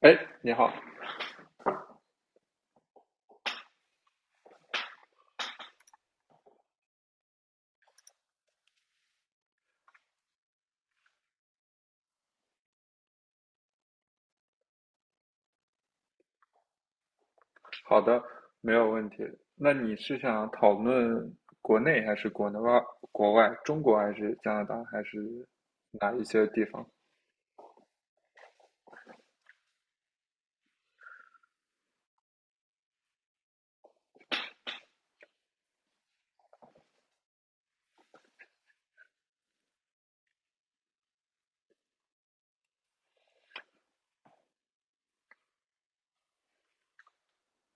哎，你好。好的，没有问题。那你是想讨论国内还是国内外、国外、中国还是加拿大还是哪一些地方？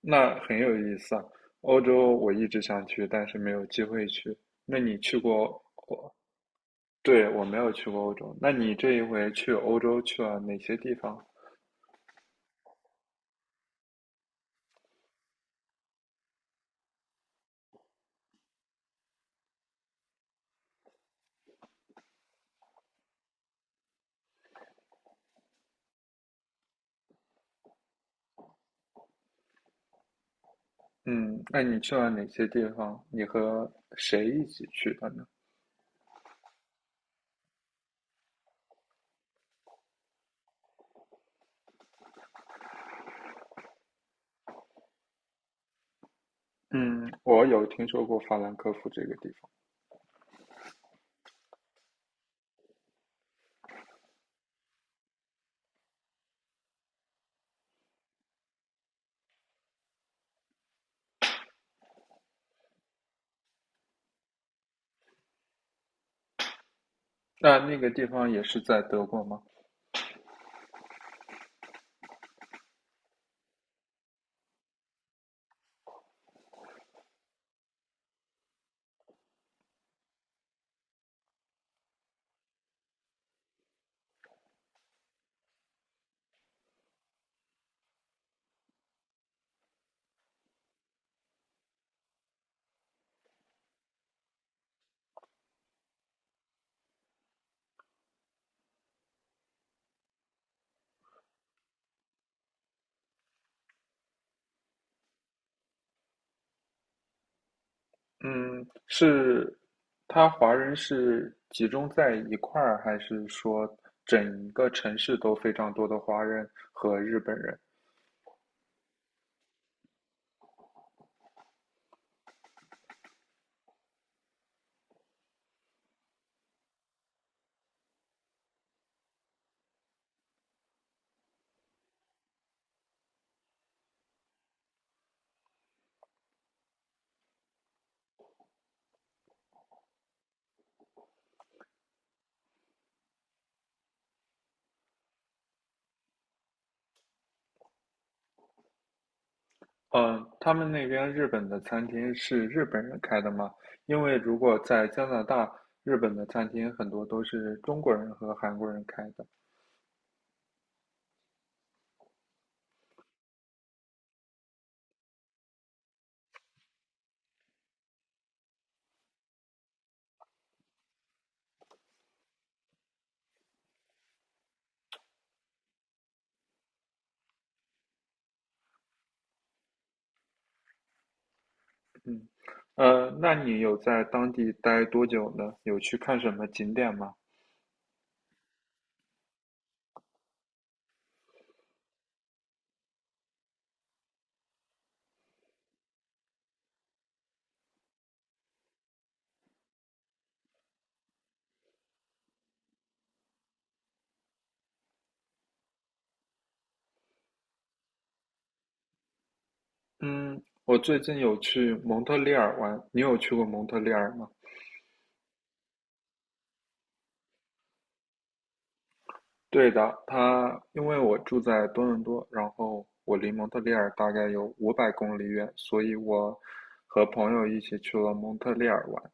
那很有意思啊。欧洲我一直想去，但是没有机会去。那你去过？我，对，我没有去过欧洲。那你这一回去欧洲去了哪些地方？嗯，那你去了哪些地方？你和谁一起去的呢？嗯，我有听说过法兰克福这个地方。那那个地方也是在德国吗？嗯，是。他华人是集中在一块儿，还是说整一个城市都非常多的华人和日本人？嗯，他们那边日本的餐厅是日本人开的吗？因为如果在加拿大，日本的餐厅很多都是中国人和韩国人开的。嗯，那你有在当地待多久呢？有去看什么景点吗？嗯，我最近有去蒙特利尔玩，你有去过蒙特利尔吗？对的。他因为我住在多伦多，然后我离蒙特利尔大概有500公里远，所以我和朋友一起去了蒙特利尔玩。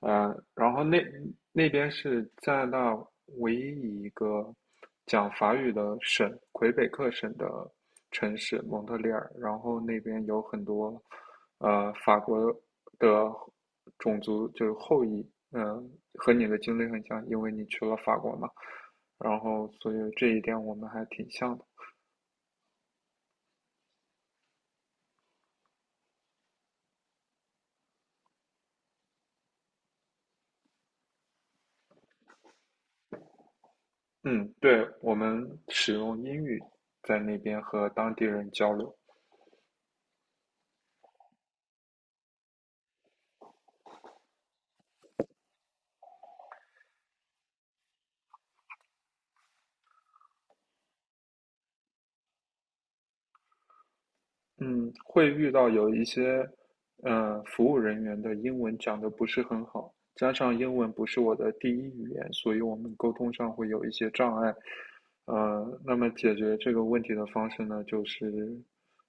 嗯，然后那那边是加拿大唯一一个讲法语的省，魁北克省的城市蒙特利尔。然后那边有很多法国的种族，就是后裔。嗯，和你的经历很像，因为你去了法国嘛。然后所以这一点我们还挺像的。嗯，对，我们使用英语在那边和当地人交流。嗯，会遇到有一些，服务人员的英文讲的不是很好，加上英文不是我的第一语言，所以我们沟通上会有一些障碍。那么解决这个问题的方式呢，就是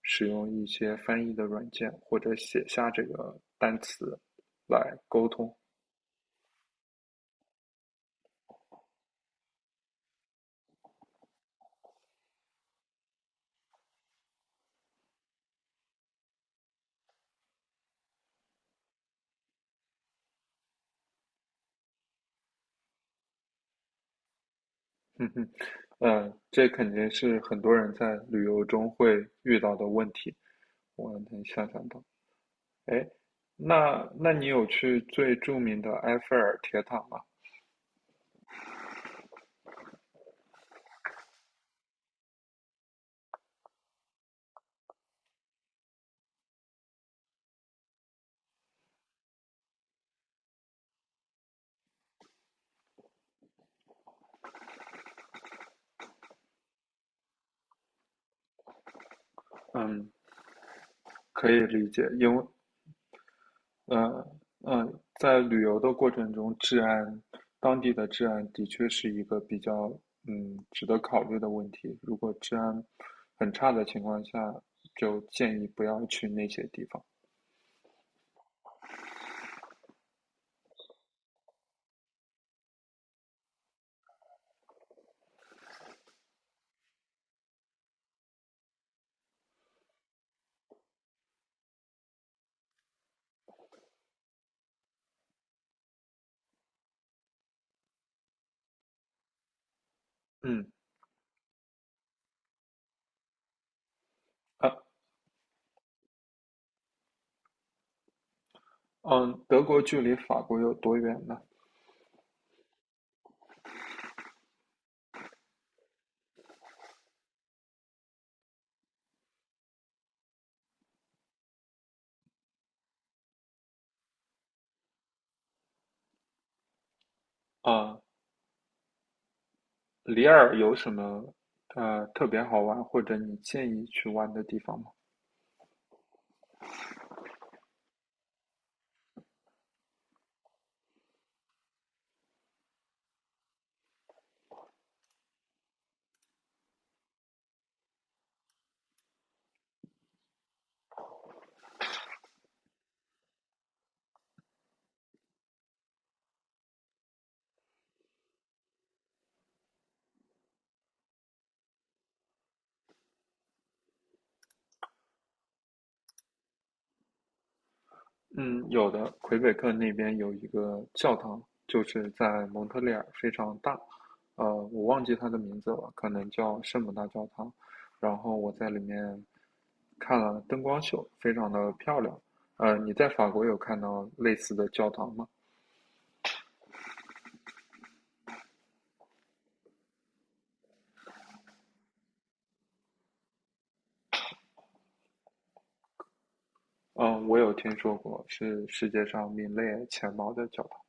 使用一些翻译的软件或者写下这个单词来沟通。嗯哼。嗯，这肯定是很多人在旅游中会遇到的问题，我能想象到。哎，那你有去最著名的埃菲尔铁塔吗？嗯，可以理解。因为，呃，在旅游的过程中，治安，当地的治安的确是一个比较，值得考虑的问题。如果治安很差的情况下，就建议不要去那些地方。嗯。啊。嗯，德国距离法国有多远呢？啊，里尔有什么特别好玩或者你建议去玩的地方吗？嗯，有的，魁北克那边有一个教堂，就是在蒙特利尔，非常大。我忘记它的名字了，可能叫圣母大教堂。然后我在里面看了灯光秀，非常的漂亮。你在法国有看到类似的教堂吗？嗯，我有听说过，是世界上名列前茅的教堂。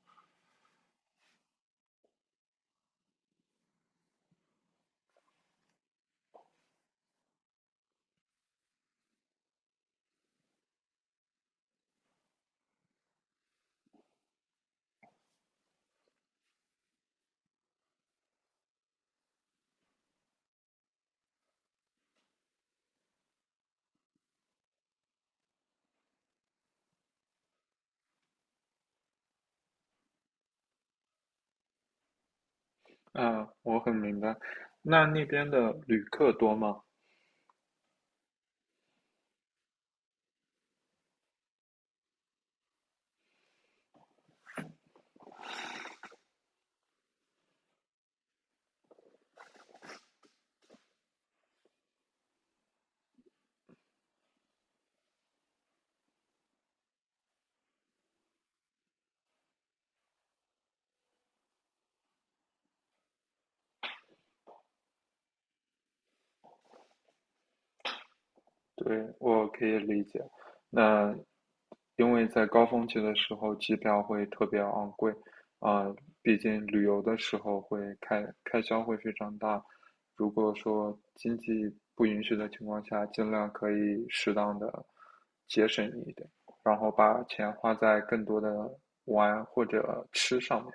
啊，我很明白。那那边的旅客多吗？对，我可以理解。那因为在高峰期的时候，机票会特别昂贵。啊，毕竟旅游的时候开销会非常大。如果说经济不允许的情况下，尽量可以适当的节省一点，然后把钱花在更多的玩或者吃上面。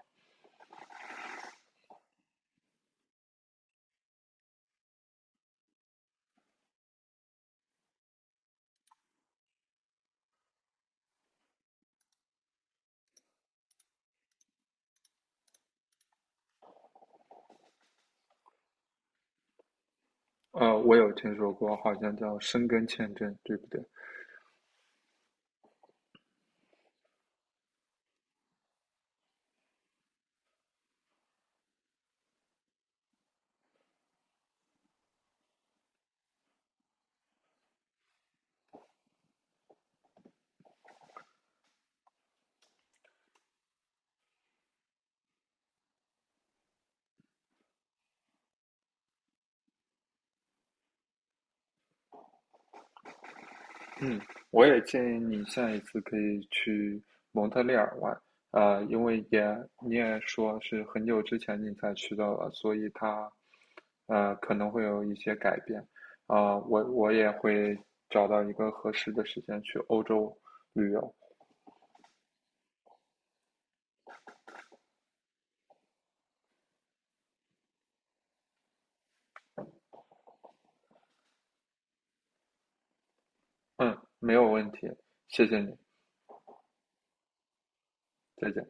我有听说过，好像叫申根签证，对不对？嗯，我也建议你下一次可以去蒙特利尔玩。啊，因为也你也说是很久之前你才去到了，所以它，可能会有一些改变。啊，我也会找到一个合适的时间去欧洲旅游。嗯，没有问题，谢谢你，再见。